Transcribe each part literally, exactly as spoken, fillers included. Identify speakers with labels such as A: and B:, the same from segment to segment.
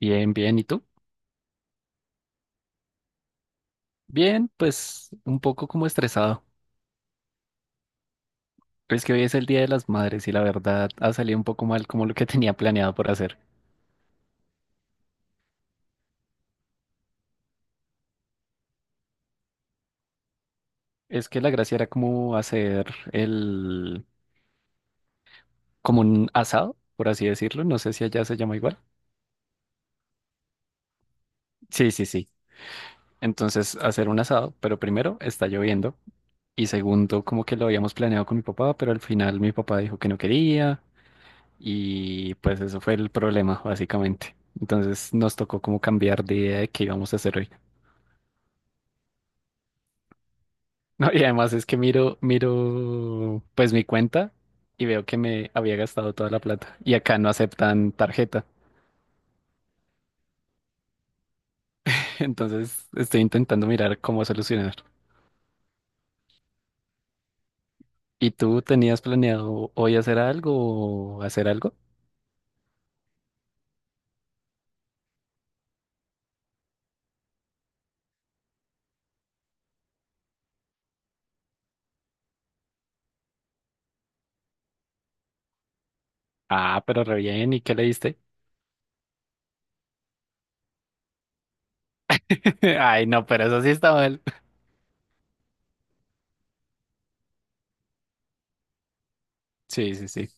A: Bien, bien. ¿Y tú? Bien, pues un poco como estresado. Es que hoy es el Día de las Madres y la verdad ha salido un poco mal como lo que tenía planeado por hacer. Es que la gracia era como hacer el, como un asado, por así decirlo. No sé si allá se llama igual. Sí, sí, sí. Entonces hacer un asado, pero primero está lloviendo y segundo como que lo habíamos planeado con mi papá, pero al final mi papá dijo que no quería y pues eso fue el problema básicamente. Entonces nos tocó como cambiar de idea de qué íbamos a hacer hoy. No, y además es que miro, miro pues mi cuenta y veo que me había gastado toda la plata y acá no aceptan tarjeta. Entonces estoy intentando mirar cómo solucionar. ¿Y tú tenías planeado hoy hacer algo o hacer algo? Ah, pero re bien, ¿y qué le diste? Ay, no, pero eso sí está mal. Sí, sí, sí.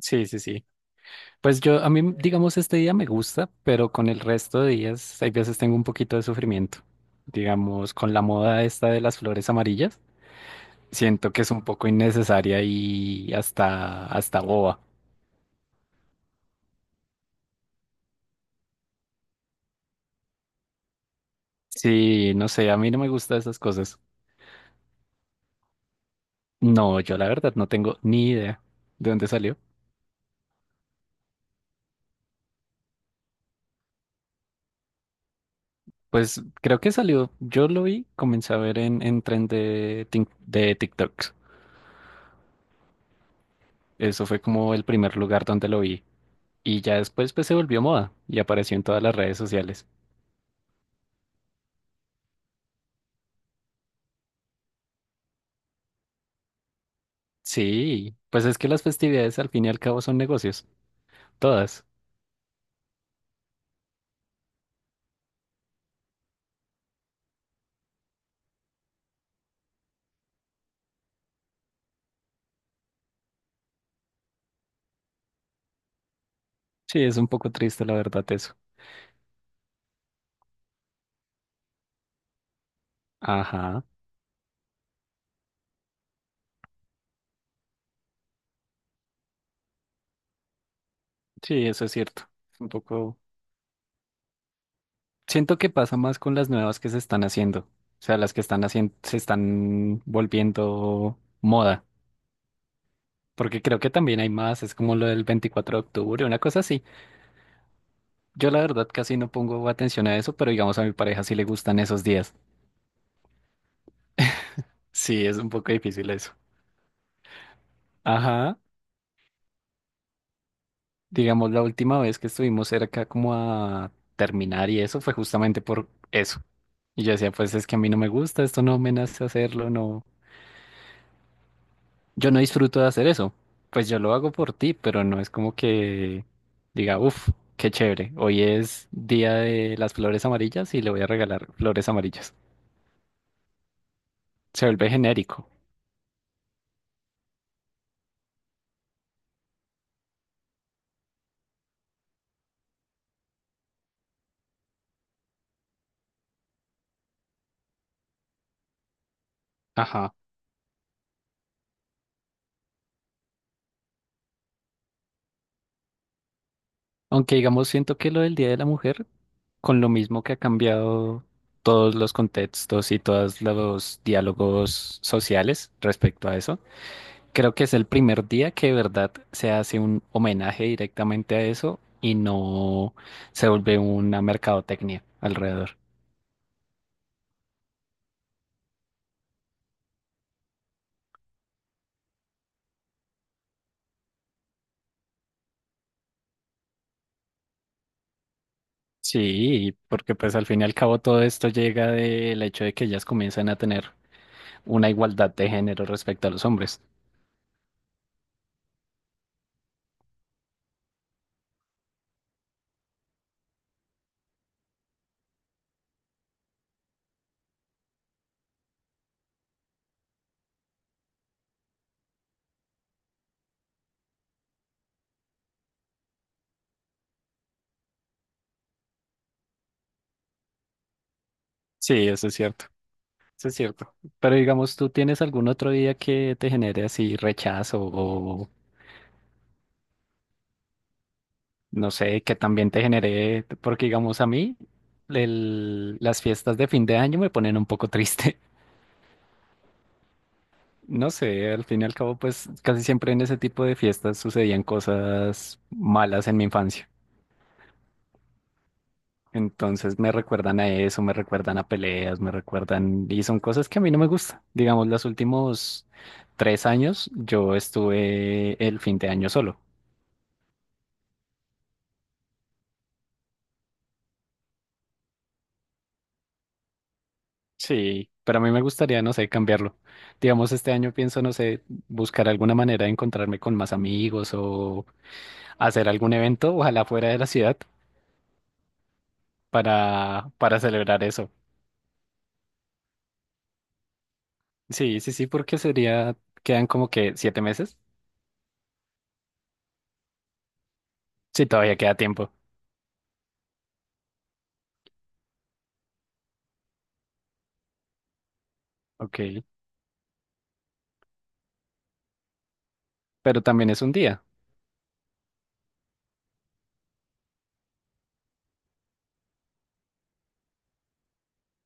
A: Sí, sí, sí. Pues yo, a mí, digamos, este día me gusta, pero con el resto de días, hay veces tengo un poquito de sufrimiento. Digamos, con la moda esta de las flores amarillas. Siento que es un poco innecesaria y hasta, hasta boba. Sí, no sé, a mí no me gustan esas cosas. No, yo la verdad no tengo ni idea de dónde salió. Pues creo que salió, yo lo vi, comencé a ver en, en tren de, Tik- de TikToks. Eso fue como el primer lugar donde lo vi. Y ya después pues se volvió moda y apareció en todas las redes sociales. Sí, pues es que las festividades al fin y al cabo son negocios, todas. Sí, es un poco triste la verdad eso. Ajá. Sí, eso es cierto. Un poco. Siento que pasa más con las nuevas que se están haciendo. O sea, las que están haciendo, se están volviendo moda. Porque creo que también hay más, es como lo del veinticuatro de octubre, una cosa así. Yo la verdad casi no pongo atención a eso, pero digamos a mi pareja sí le gustan esos días. Sí, es un poco difícil eso. Ajá. Digamos, la última vez que estuvimos cerca como a terminar y eso fue justamente por eso. Y yo decía, pues es que a mí no me gusta, esto no me nace hacerlo, no. Yo no disfruto de hacer eso. Pues yo lo hago por ti, pero no es como que diga, uff, qué chévere. Hoy es día de las flores amarillas y le voy a regalar flores amarillas. Se vuelve genérico. Ajá. Aunque digamos, siento que lo del Día de la Mujer, con lo mismo que ha cambiado todos los contextos y todos los diálogos sociales respecto a eso. Creo que es el primer día que de verdad se hace un homenaje directamente a eso y no se vuelve una mercadotecnia alrededor. Sí, porque pues al fin y al cabo todo esto llega del hecho de que ellas comienzan a tener una igualdad de género respecto a los hombres. Sí, eso es cierto, eso es cierto. Pero digamos, ¿tú tienes algún otro día que te genere así rechazo o no sé, que también te genere, porque digamos a mí, el- las fiestas de fin de año me ponen un poco triste? No sé, al fin y al cabo, pues casi siempre en ese tipo de fiestas sucedían cosas malas en mi infancia. Entonces me recuerdan a eso, me recuerdan a peleas, me recuerdan, y son cosas que a mí no me gustan. Digamos, los últimos tres años yo estuve el fin de año solo. Sí, pero a mí me gustaría, no sé, cambiarlo. Digamos, este año pienso, no sé, buscar alguna manera de encontrarme con más amigos o hacer algún evento, ojalá fuera de la ciudad, para, para celebrar eso. Sí, sí, sí, porque sería, quedan como que siete meses. Sí, todavía queda tiempo. Ok, pero también es un día.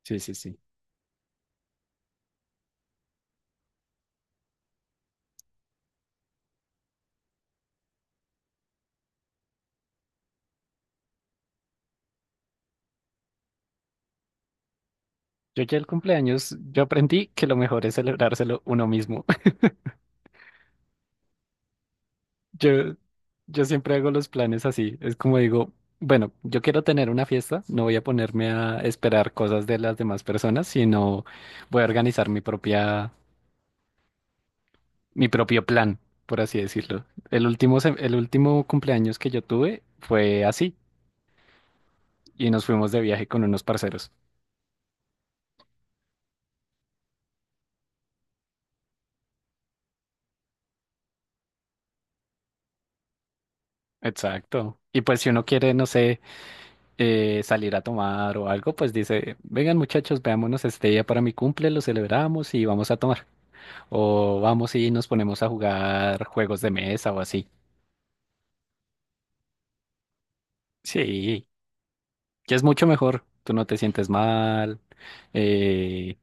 A: Sí, sí, sí. Yo ya el cumpleaños, yo aprendí que lo mejor es celebrárselo uno mismo. Yo, yo siempre hago los planes así. Es como digo, bueno, yo quiero tener una fiesta, no voy a ponerme a esperar cosas de las demás personas, sino voy a organizar mi propia, mi propio plan, por así decirlo. El último, se- el último cumpleaños que yo tuve fue así. Y nos fuimos de viaje con unos parceros. Exacto. Y pues si uno quiere, no sé, eh, salir a tomar o algo, pues dice, vengan muchachos, veámonos este día para mi cumple, lo celebramos y vamos a tomar. O vamos y nos ponemos a jugar juegos de mesa o así. Sí, que es mucho mejor. Tú no te sientes mal, eh,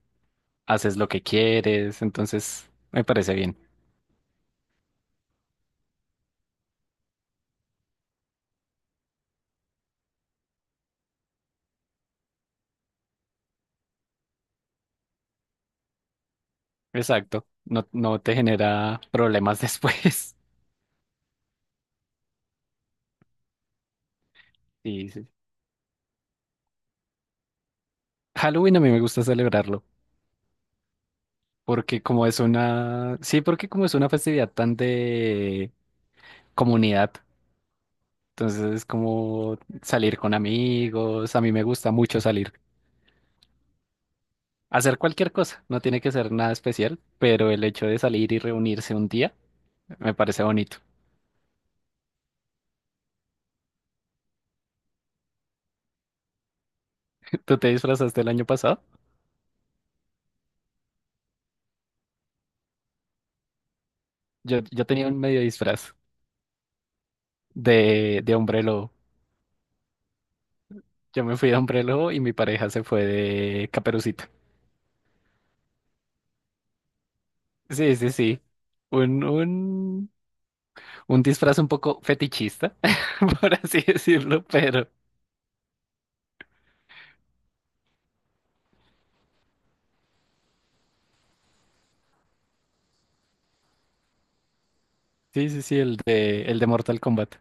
A: haces lo que quieres, entonces me parece bien. Exacto. No, no te genera problemas después. Sí, sí. Halloween a mí me gusta celebrarlo. Porque como es una, sí, porque como es una festividad tan de comunidad, entonces es como salir con amigos, a mí me gusta mucho salir, hacer cualquier cosa, no tiene que ser nada especial, pero el hecho de salir y reunirse un día me parece bonito. ¿Tú te disfrazaste el año pasado? Yo, yo tenía un medio disfraz de, de hombre lobo. Yo me fui de hombre lobo y mi pareja se fue de caperucita. Sí, sí, sí. Un, un un disfraz un poco fetichista, por así decirlo, pero sí, sí, sí, el de, el de Mortal Kombat.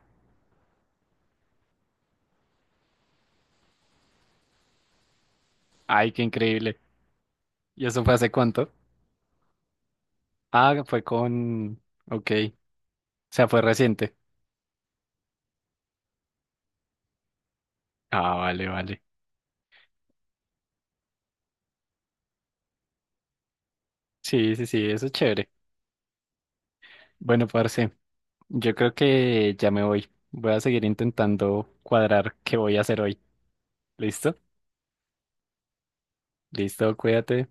A: Ay, qué increíble. ¿Y eso fue hace cuánto? Ah, fue con... Ok, o sea, fue reciente. Ah, vale, vale. Sí, sí, sí, eso es chévere. Bueno, parce, yo creo que ya me voy. Voy a seguir intentando cuadrar qué voy a hacer hoy. ¿Listo? Listo, cuídate.